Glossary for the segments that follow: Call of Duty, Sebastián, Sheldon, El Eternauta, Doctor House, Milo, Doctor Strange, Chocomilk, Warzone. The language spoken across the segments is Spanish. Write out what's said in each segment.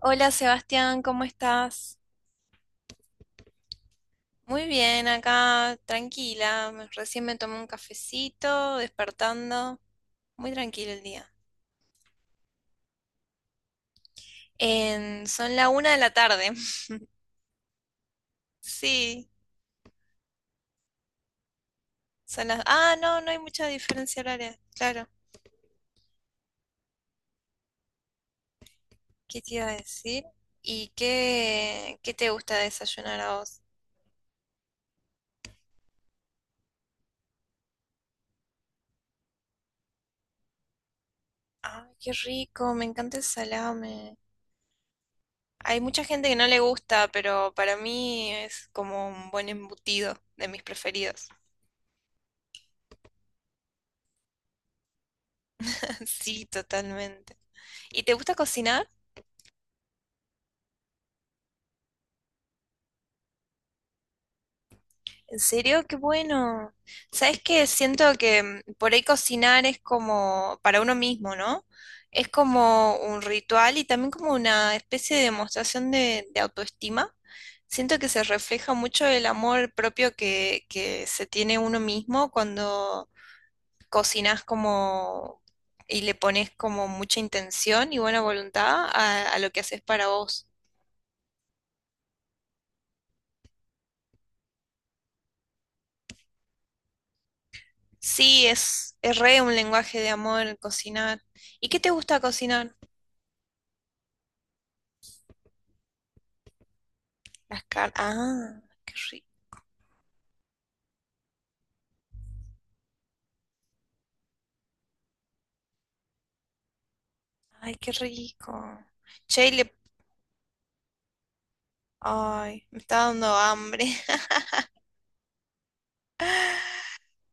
Hola Sebastián, ¿cómo estás? Muy bien, acá tranquila. Recién me tomé un cafecito, despertando. Muy tranquilo el día. Son la una de la tarde. Sí, son las... Ah, no, no hay mucha diferencia horaria. Claro. ¿Qué te iba a decir? Y qué te gusta desayunar a vos? Ay, qué rico, me encanta el salame. Hay mucha gente que no le gusta, pero para mí es como un buen embutido de mis preferidos. Sí, totalmente. ¿Y te gusta cocinar? ¿En serio? Qué bueno. ¿Sabes qué? Siento que por ahí cocinar es como para uno mismo, ¿no? Es como un ritual y también como una especie de demostración de autoestima. Siento que se refleja mucho el amor propio que se tiene uno mismo cuando cocinas como y le pones como mucha intención y buena voluntad a lo que haces para vos. Sí, es re un lenguaje de amor el cocinar. ¿Y qué te gusta cocinar? Las carnes. Ah, qué rico. Ay, qué rico. Che, y le- Ay, me está dando hambre.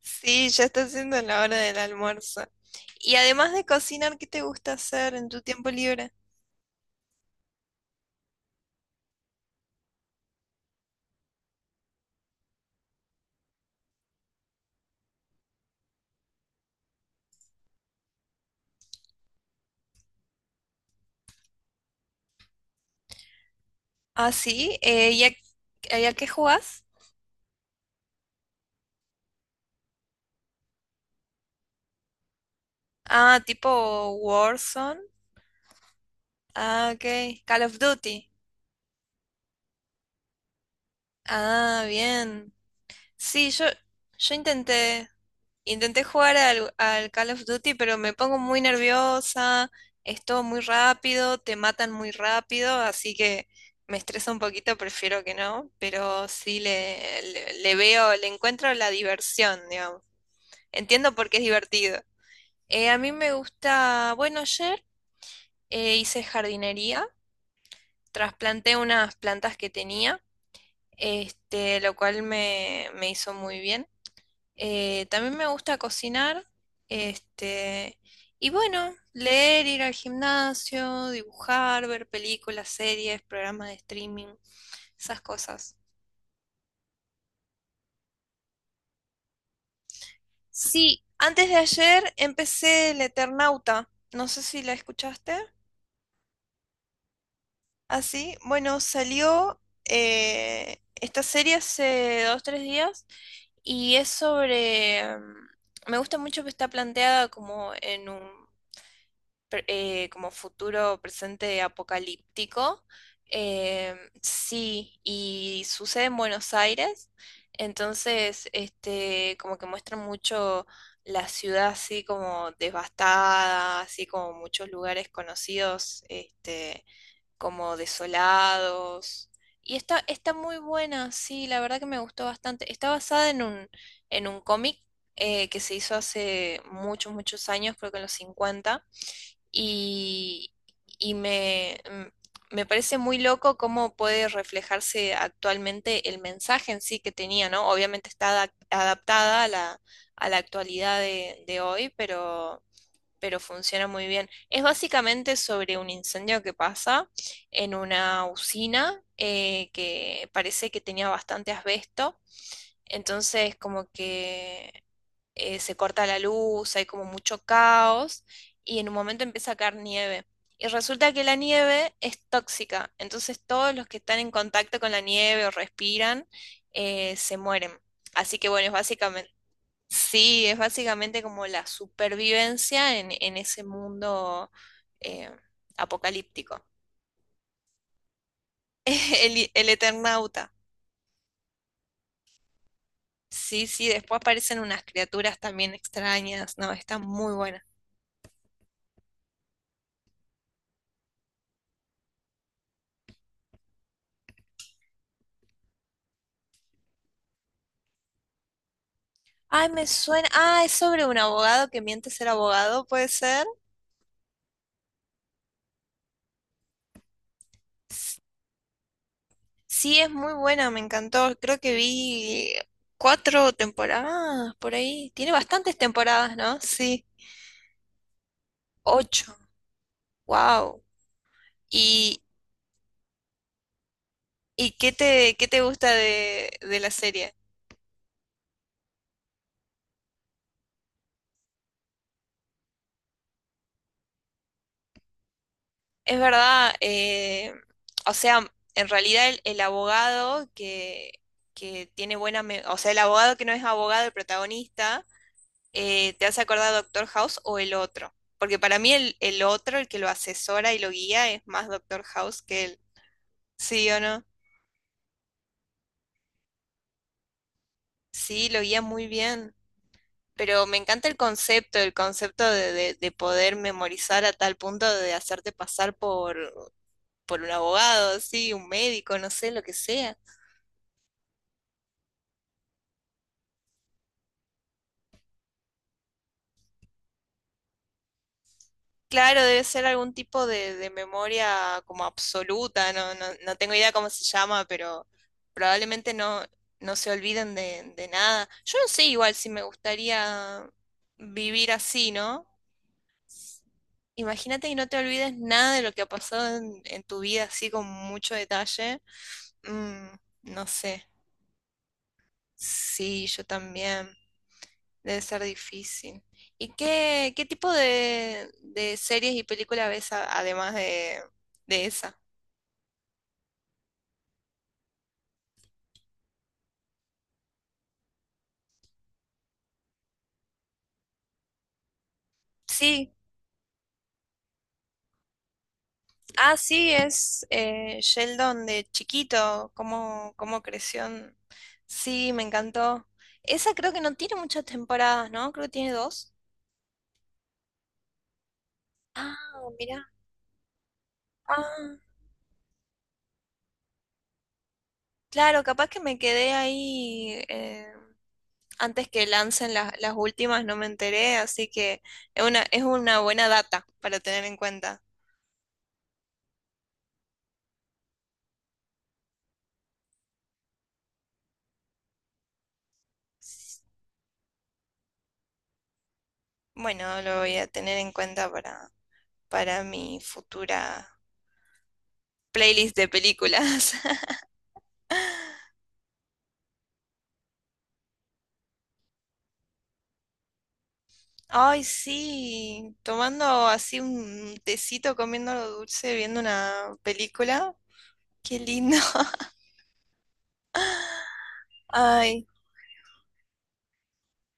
Sí, ya está siendo la hora del almuerzo. Y además de cocinar, ¿qué te gusta hacer en tu tiempo libre? Ah, sí. ¿Y y a qué jugás? Ah, tipo Warzone. Ah, ok. Call of Duty. Ah, bien. Sí, yo intenté, intenté jugar al Call of Duty, pero me pongo muy nerviosa, es todo muy rápido, te matan muy rápido, así que me estresa un poquito, prefiero que no, pero sí le veo, le encuentro la diversión, digamos. Entiendo por qué es divertido. A mí me gusta, bueno, ayer hice jardinería, trasplanté unas plantas que tenía, este, lo cual me hizo muy bien. También me gusta cocinar, este, y bueno, leer, ir al gimnasio, dibujar, ver películas, series, programas de streaming, esas cosas. Sí, antes de ayer empecé El Eternauta, no sé si la escuchaste. Así, bueno, salió esta serie hace dos, tres días y es sobre... Me gusta mucho que está planteada como en un como futuro presente apocalíptico. Eh, sí, y sucede en Buenos Aires, entonces este, como que muestra mucho la ciudad así como devastada, así como muchos lugares conocidos, este, como desolados. Y está, está muy buena, sí, la verdad que me gustó bastante. Está basada en un cómic que se hizo hace muchos, muchos años, creo que en los 50 y, y me parece muy loco cómo puede reflejarse actualmente el mensaje en sí que tenía, ¿no? Obviamente está adaptada a la actualidad de hoy, pero funciona muy bien. Es básicamente sobre un incendio que pasa en una usina que parece que tenía bastante asbesto. Entonces, como que se corta la luz, hay como mucho caos y en un momento empieza a caer nieve. Y resulta que la nieve es tóxica, entonces todos los que están en contacto con la nieve o respiran se mueren. Así que bueno, es básicamente, sí, es básicamente como la supervivencia en ese mundo eh, apocalíptico. El Eternauta. Sí, sí, después aparecen unas criaturas también extrañas, no, está muy buena. Ay, me suena. Ah, es sobre un abogado que miente ser abogado, ¿puede ser? Sí, es muy buena, me encantó. Creo que vi cuatro temporadas por ahí. Tiene bastantes temporadas, ¿no? Sí, ocho. Wow. ¿Y, y qué te gusta de la serie? Es verdad, o sea, en realidad el abogado que tiene buena, o sea, el abogado que no es abogado, el protagonista ¿te hace acordar a Doctor House o el otro? Porque para mí el otro, el que lo asesora y lo guía, es más Doctor House que él. ¿Sí o no? Sí, lo guía muy bien. Pero me encanta el concepto de, de poder memorizar a tal punto de hacerte pasar por un abogado, sí, un médico, no sé, lo que sea. Claro, debe ser algún tipo de memoria como absoluta, no, no, no tengo idea cómo se llama, pero probablemente no, no se olviden de nada. Yo no sé igual si me gustaría vivir así, ¿no? Imagínate y no te olvides nada de lo que ha pasado en tu vida así con mucho detalle. Mm, no sé. Sí, yo también. Debe ser difícil. Y qué tipo de series y películas ves además de esa? Sí, ah, sí, es Sheldon de chiquito, cómo, cómo creció. Sí, me encantó. Esa creo que no tiene muchas temporadas, ¿no? Creo que tiene dos. Ah, mira. Ah, claro, capaz que me quedé ahí antes que lancen las últimas, no me enteré, así que es una buena data para tener en cuenta. Bueno, lo voy a tener en cuenta para mi futura playlist de películas. Ay, sí, tomando así un tecito, comiendo algo dulce, viendo una película. Qué lindo. Ay,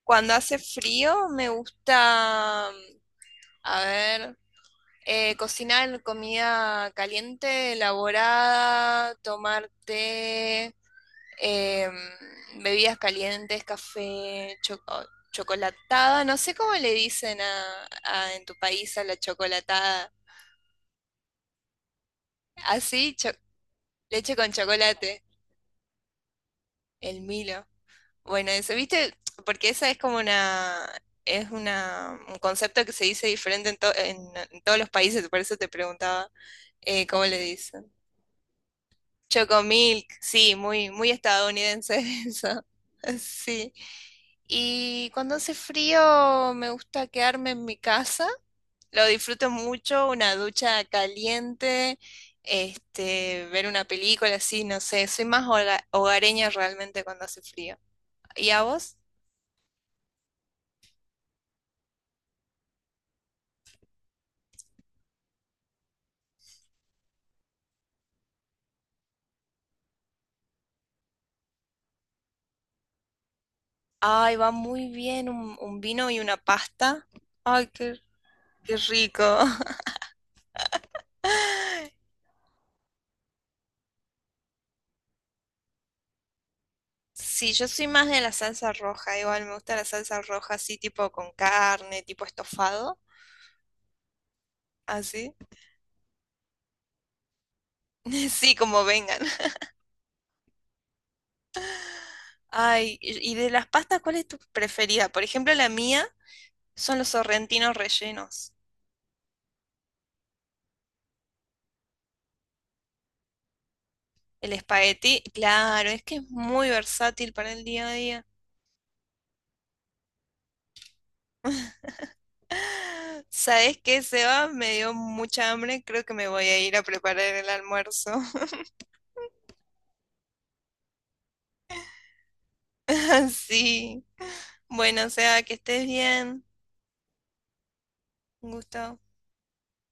cuando hace frío me gusta, a ver, cocinar comida caliente, elaborada, tomar té. eh, Bebidas calientes, café, chocolatada, no sé cómo le dicen a, en tu país a la chocolatada, así, leche con chocolate, el Milo. Bueno, eso, ¿viste? Porque esa es como una, es una, un concepto que se dice diferente en, en todos los países, por eso te preguntaba cómo le dicen. Chocomilk, sí, muy, muy estadounidense eso. Sí. Y cuando hace frío me gusta quedarme en mi casa, lo disfruto mucho, una ducha caliente, este, ver una película así, no sé, soy más hogareña realmente cuando hace frío. ¿Y a vos? Ay, va muy bien un vino y una pasta. Ay, qué, qué rico. Sí, yo soy más de la salsa roja, igual me gusta la salsa roja así tipo con carne, tipo estofado, así. Sí, como vengan. Ay, y de las pastas, ¿cuál es tu preferida? Por ejemplo, la mía son los sorrentinos rellenos. El espagueti, claro, es que es muy versátil para el día a día. ¿Sabes qué, Seba? Me dio mucha hambre, creo que me voy a ir a preparar el almuerzo. Sí. Bueno, Seba, que estés bien. Un gusto.